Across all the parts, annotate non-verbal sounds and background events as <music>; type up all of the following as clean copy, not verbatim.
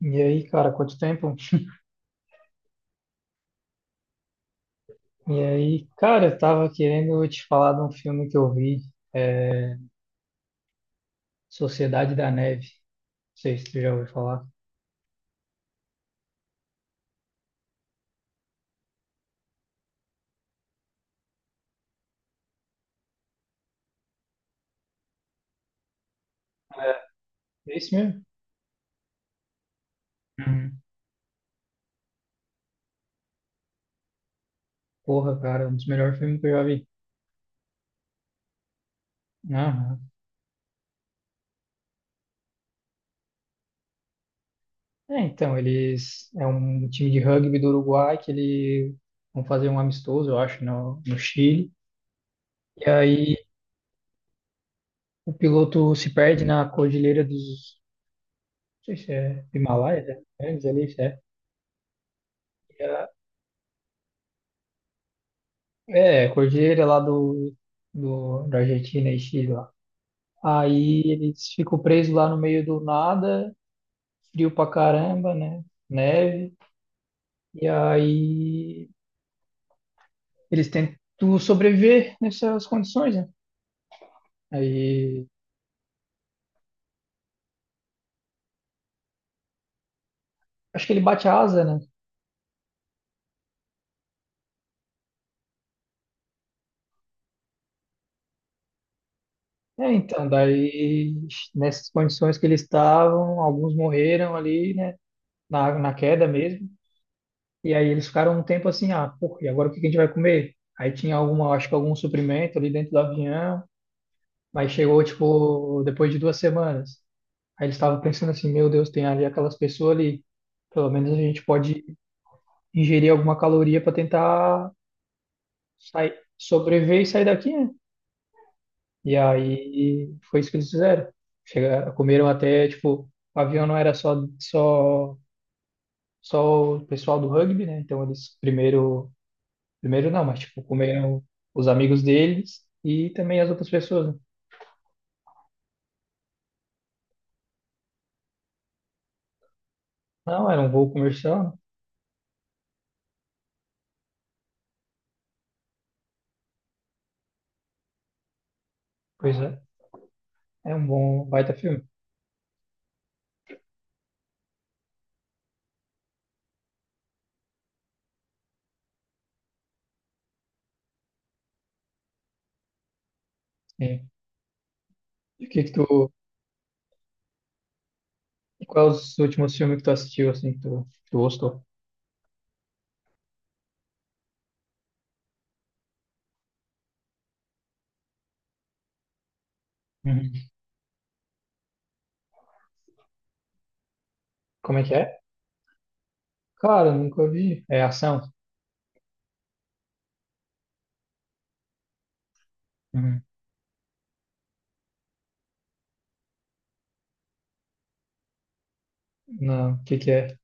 E aí, cara, quanto tempo? E aí, cara, eu tava querendo te falar de um filme que eu vi, é, Sociedade da Neve. Não sei se tu já ouviu falar. É. É esse mesmo? Uhum. Porra, cara, um dos melhores filmes que eu já vi. Aham. Eles... É um time de rugby do Uruguai que eles vão fazer um amistoso, eu acho, no Chile. E aí, o piloto se perde na cordilheira dos... Não sei se é Himalaia, né? Andes ali, se é. É, Cordilheira lá da Argentina e Chile lá. Aí eles ficam presos lá no meio do nada, frio pra caramba, né? Neve. E aí eles tentam sobreviver nessas condições, né? Aí acho que ele bate a asa, né? É, então, daí nessas condições que eles estavam, alguns morreram ali, né? Na queda mesmo. E aí eles ficaram um tempo assim, ah, pô, e agora o que que a gente vai comer? Aí tinha alguma, acho que algum suprimento ali dentro do avião. Aí chegou, tipo, depois de duas semanas. Aí eles estavam pensando assim, meu Deus, tem ali aquelas pessoas ali. Pelo menos a gente pode ingerir alguma caloria para tentar sair, sobreviver e sair daqui, né? E aí foi isso que eles fizeram. Chegaram, comeram até, tipo, o avião não era só o pessoal do rugby, né? Então eles primeiro não, mas tipo, comeram os amigos deles e também as outras pessoas. Né? Não, era um voo comercial, né? Pois é, é um bom baita filme. E o que que e quais os últimos filmes que tu assistiu, assim, que tu gostou? Uhum. Como é que é? Cara, nunca vi. É ação? Uhum. Não, o que que é?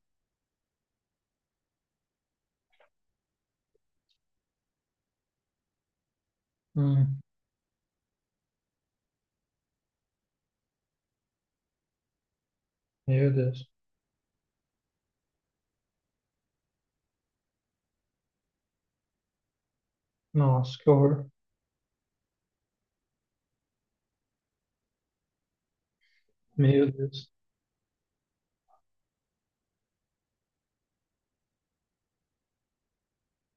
Hum. Meu Deus. Nossa, que horror. Meu Deus.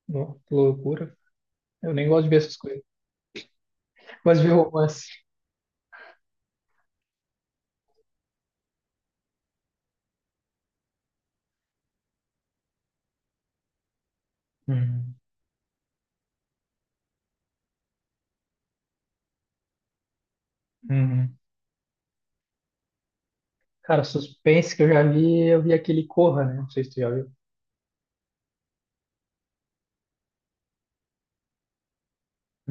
Que loucura. Eu nem gosto de ver essas coisas. Gosto de ver romance. Uhum. Uhum. Cara, suspense que eu já vi, eu vi aquele Corra, né? Não sei se tu já viu.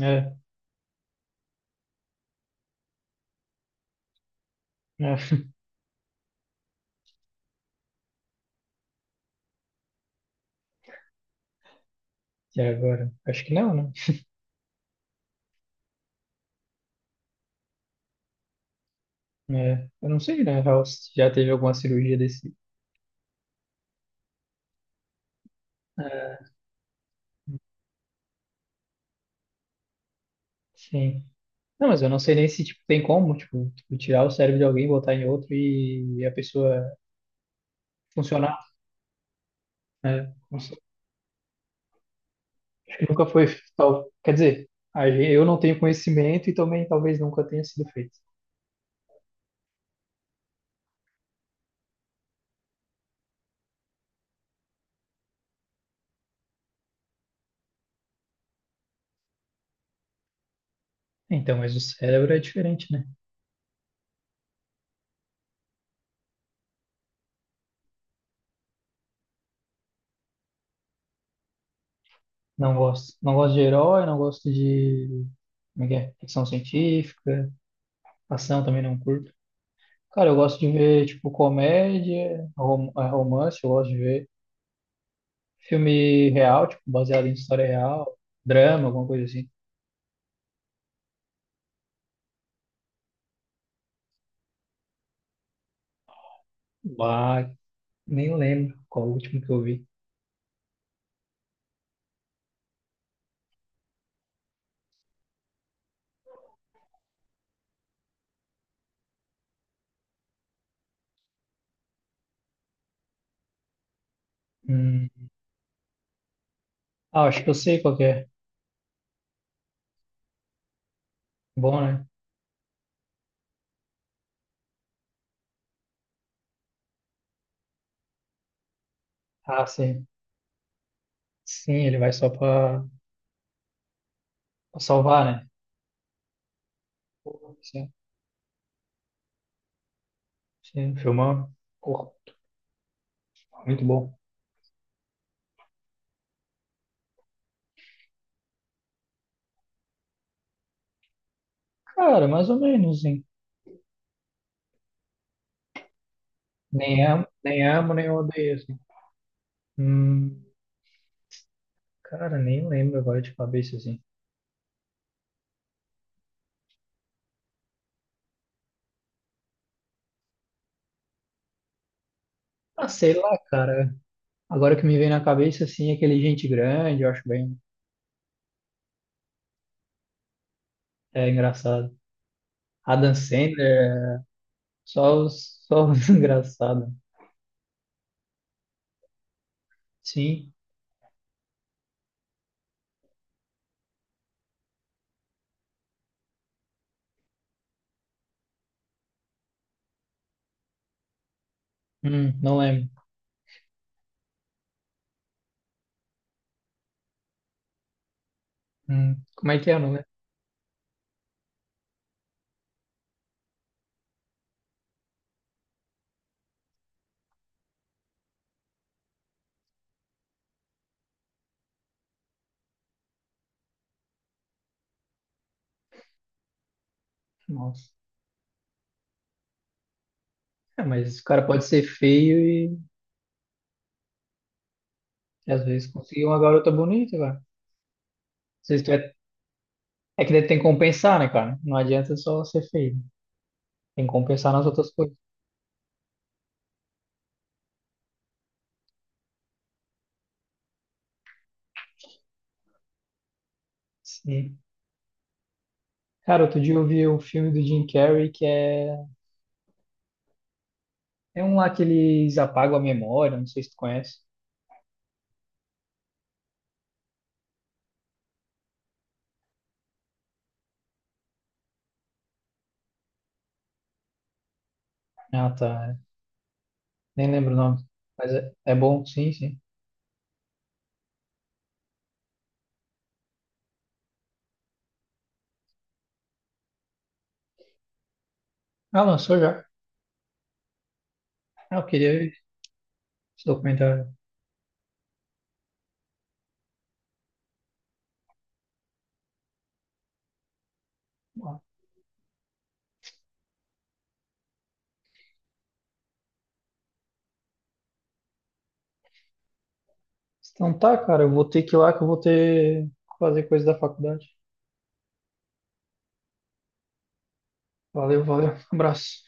É, é. <laughs> E agora? Acho que não, né? É, eu não sei, né? Já teve alguma cirurgia desse. É. Sim. Não, mas eu não sei nem se tipo, tem como, tipo, tu tirar o cérebro de alguém, botar em outro e a pessoa funcionar, né? Não sei. Acho que nunca foi tal. Quer dizer, eu não tenho conhecimento e também talvez nunca tenha sido feito. Então, mas o cérebro é diferente, né? Não gosto. Não gosto de herói, não gosto de. Como é que é? Ficção científica, ação também não curto. Cara, eu gosto de ver, tipo, comédia, romance, eu gosto de ver filme real, tipo, baseado em história real, drama, alguma coisa assim. Bah, nem lembro qual o último que eu vi. Hum. Ah, acho que eu sei qual que é. Bom, né? Ah, sim. Sim, ele vai só pra salvar, né? Pô, sim, sim, filmão. Pô, muito bom. Cara, mais ou menos, sim. Nem amo, nem odeio, assim. Hum, cara, nem lembro agora de cabeça, assim. Ah, sei lá, cara. Agora que me vem na cabeça, assim, aquele Gente Grande, eu acho bem é, engraçado. Adam Sandler, só os <laughs> engraçados. Sim, não lembro. Como é que é, não é? Nossa. É, mas o cara pode ser feio e às vezes conseguir uma garota bonita, cara. Se isso é, é que daí tem que compensar, né, cara? Não adianta só ser feio. Tem que compensar nas outras coisas. Sim. Cara, outro dia eu vi o filme do Jim Carrey que é. É um lá que eles apagam a memória, não sei se tu conhece. Ah, tá. Nem lembro o nome. Mas é, é bom, sim, sim. Ah, lançou já. Ah, eu queria ver esse documentário. Ah, então tá, cara, eu vou ter que ir lá que eu vou ter que fazer coisa da faculdade. Valeu, valeu. Abraço.